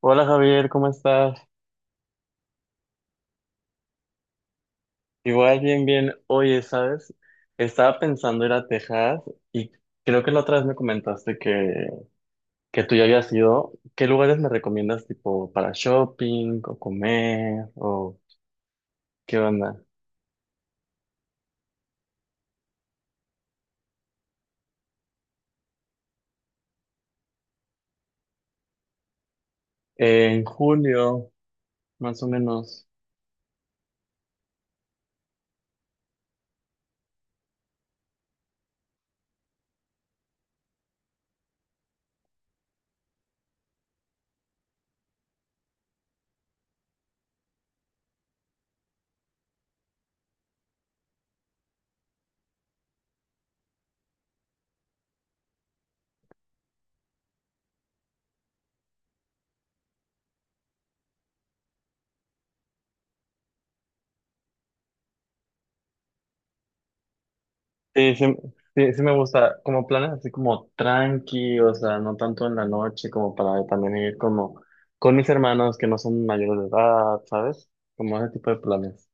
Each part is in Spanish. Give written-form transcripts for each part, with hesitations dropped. Hola Javier, ¿cómo estás? Igual, bien, bien. Oye, ¿sabes? Estaba pensando ir a Texas y creo que la otra vez me comentaste que tú ya habías ido. ¿Qué lugares me recomiendas tipo para shopping o comer o qué onda? En julio, más o menos. Sí, sí, sí, sí me gusta. Como planes así como tranqui, o sea, no tanto en la noche, como para también ir como con mis hermanos que no son mayores de edad, ¿sabes? Como ese tipo de planes.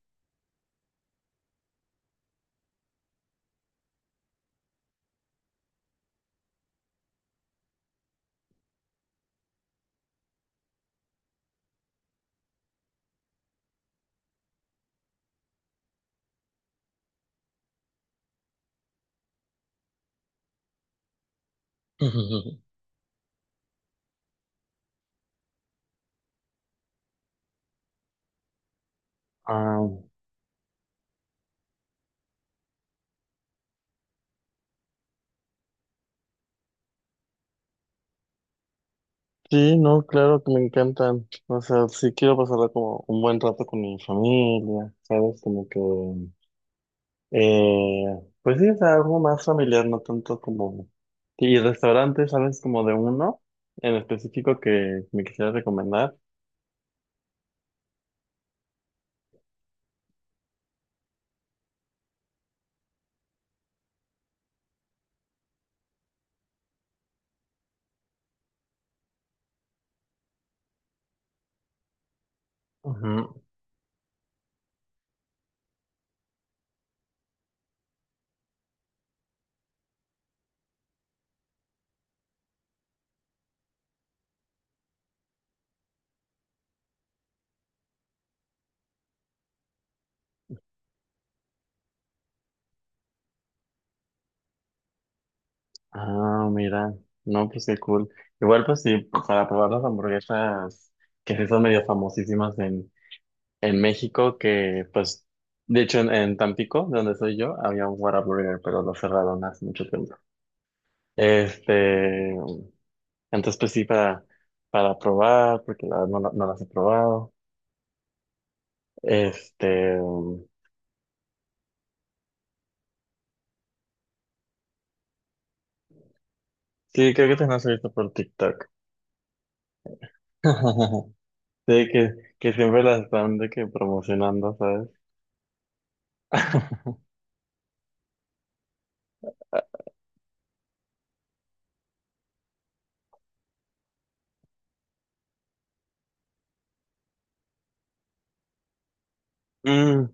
Ah, sí, no, claro que me encantan. O sea, sí quiero pasarla como un buen rato con mi familia, ¿sabes? Como que, eh, pues sí, es algo más familiar, no tanto como... Y restaurantes, ¿sabes? Como de uno en específico que me quisiera recomendar. Ujú. Ah, mira. No, pues qué cool. Igual, pues sí, para probar las hamburguesas que sí son medio famosísimas en México que, pues, de hecho en Tampico, de donde soy yo, había un Whataburger, pero lo cerraron hace mucho tiempo. Este, entonces pues sí, para probar, porque la verdad no, no las he probado. Este, sí, creo que te las he visto por TikTok. Sí, que siempre las están de que promocionando, ¿sabes? Mm,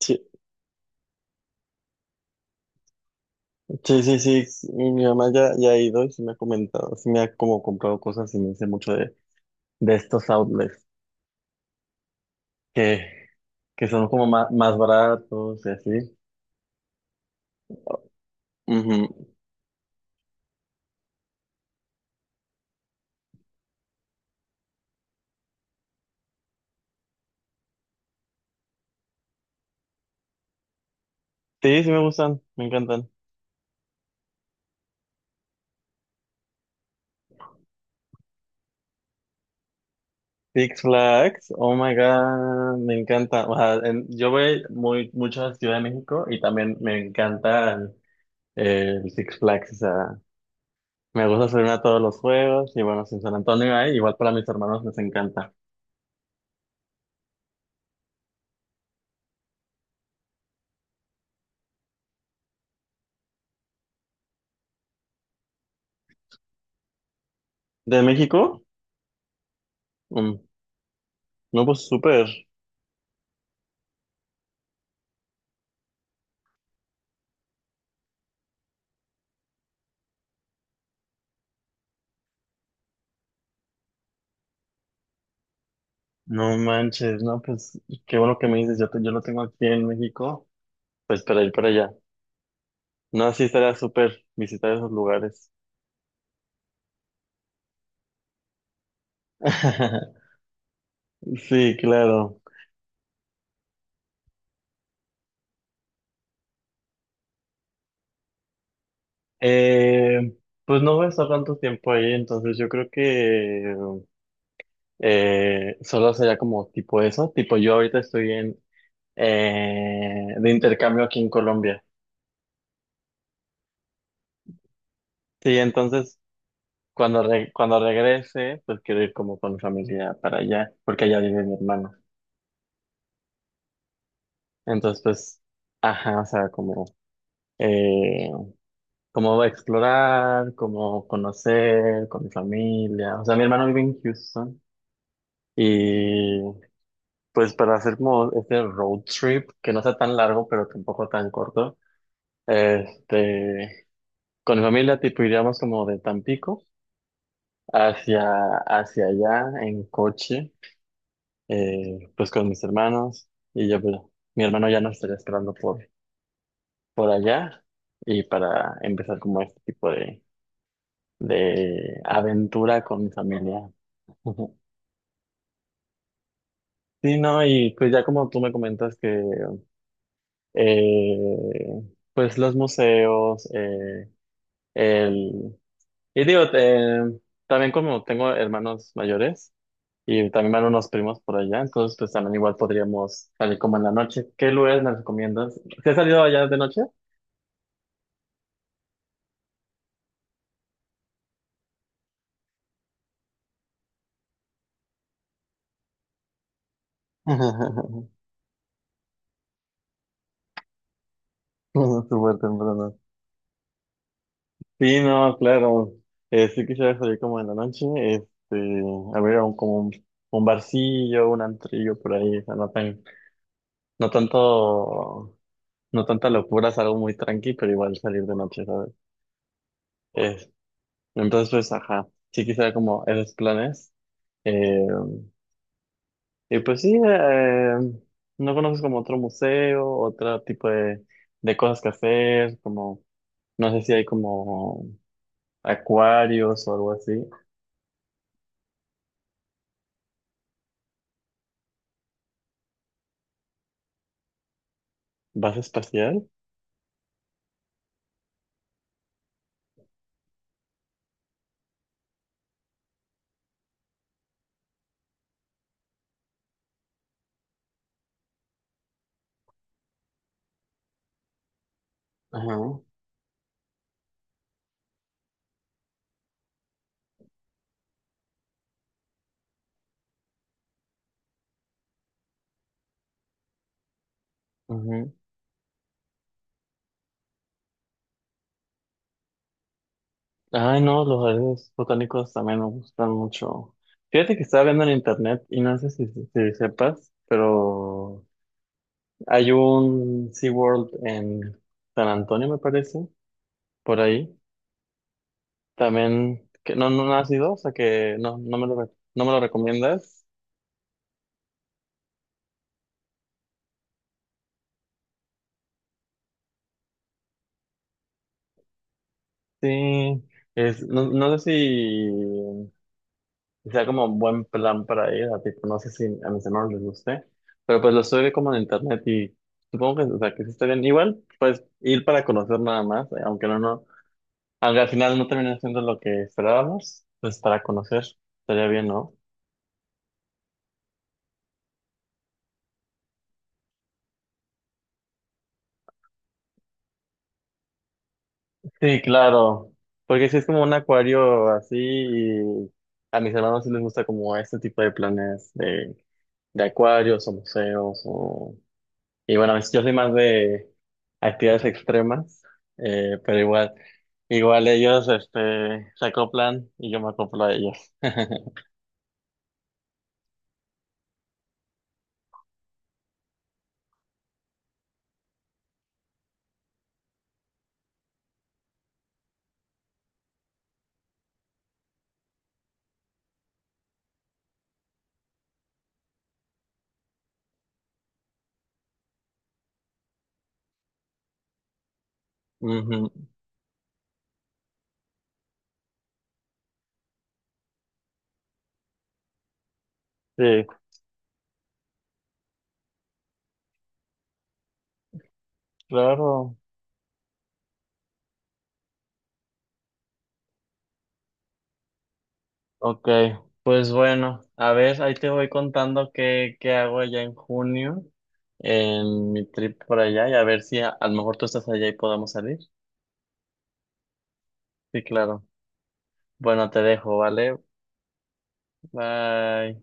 sí, sí, sí, sí, sí, mi mamá ya ha ido y sí me ha comentado, sí me ha como comprado cosas y me dice mucho de estos outlets. Que que, son como más baratos y así. Ujú. Sí, sí me gustan, me encantan. Six Flags, oh my God, me encanta. O sea, yo voy muy, mucho a Ciudad de México y también me encantan el Six Flags. O sea, me gusta subir a todos los juegos y bueno, sin San Antonio hay, igual para mis hermanos les encanta. ¿De México? Mm, no, pues súper. No manches, no, pues qué bueno que me dices, yo, yo lo tengo aquí en México, pues para ir para allá. No, sí estaría súper visitar esos lugares. Sí, claro. Eh, pues no voy a estar tanto tiempo ahí, entonces yo creo que solo sería como tipo eso, tipo yo ahorita estoy en de intercambio aquí en Colombia. Sí, entonces cuando cuando regrese, pues quiero ir como con mi familia para allá, porque allá vive mi hermano. Entonces, pues, ajá, o sea, como eh, como va a explorar, como conocer con mi familia. O sea, mi hermano vive en Houston y pues para hacer como este road trip, que no sea tan largo, pero tampoco tan corto, este, con mi familia tipo iríamos como de Tampico hacia, hacia allá en coche, pues con mis hermanos y yo, pues, mi hermano ya nos estaría esperando por allá y para empezar como este tipo de aventura con mi familia. Ujú. Sí, no, y pues ya como tú me comentas que eh, pues los museos, el... Y digo, también como tengo hermanos mayores y también van unos primos por allá, entonces pues también igual podríamos salir como en la noche. ¿Qué lugares me recomiendas? ¿Se ha salido allá de noche? Súper temprano. Sí, no, claro. Sí quisiera salir como en la noche, este, a ver, un, como un barcillo, un antrillo por ahí, o sea, no tan no tanto, no tanta locura, es algo muy tranqui, pero igual salir de noche, ¿sabes? Eh, entonces, pues, ajá, sí quisiera como esos planes. Eh, y pues sí, no conoces como otro museo, otro tipo de cosas que hacer, como, no sé si hay como acuarios o algo así. ¿Vas espacial? Ajá. Ujú. Ay, no, los jardines botánicos también me gustan mucho. Fíjate que estaba viendo en internet y no sé si sepas, pero hay un SeaWorld en San Antonio, me parece, por ahí. También, que no, no has ido, o sea que no, no me lo, no me lo recomiendas. Sí, es, no, no sé si sea como un buen plan para ir, a tipo, no sé si a mis hermanos les guste, pero pues lo estoy viendo como en internet y supongo que, o sea, que sí está bien. Igual, pues ir para conocer nada más, aunque no, aunque al final no termine siendo lo que esperábamos, pues para conocer estaría bien, ¿no? Sí, claro, porque si es como un acuario así y a mis hermanos sí les gusta como este tipo de planes de acuarios o museos o y bueno, yo soy más de actividades extremas, pero igual, igual ellos, este, se acoplan y yo me acoplo a ellos. Ujú, sí, claro. Ok, pues bueno, a ver, ahí te voy contando qué, qué hago allá en junio, en mi trip por allá, y a ver si a, a lo mejor tú estás allá y podamos salir. Sí, claro. Bueno, te dejo, ¿vale? Bye.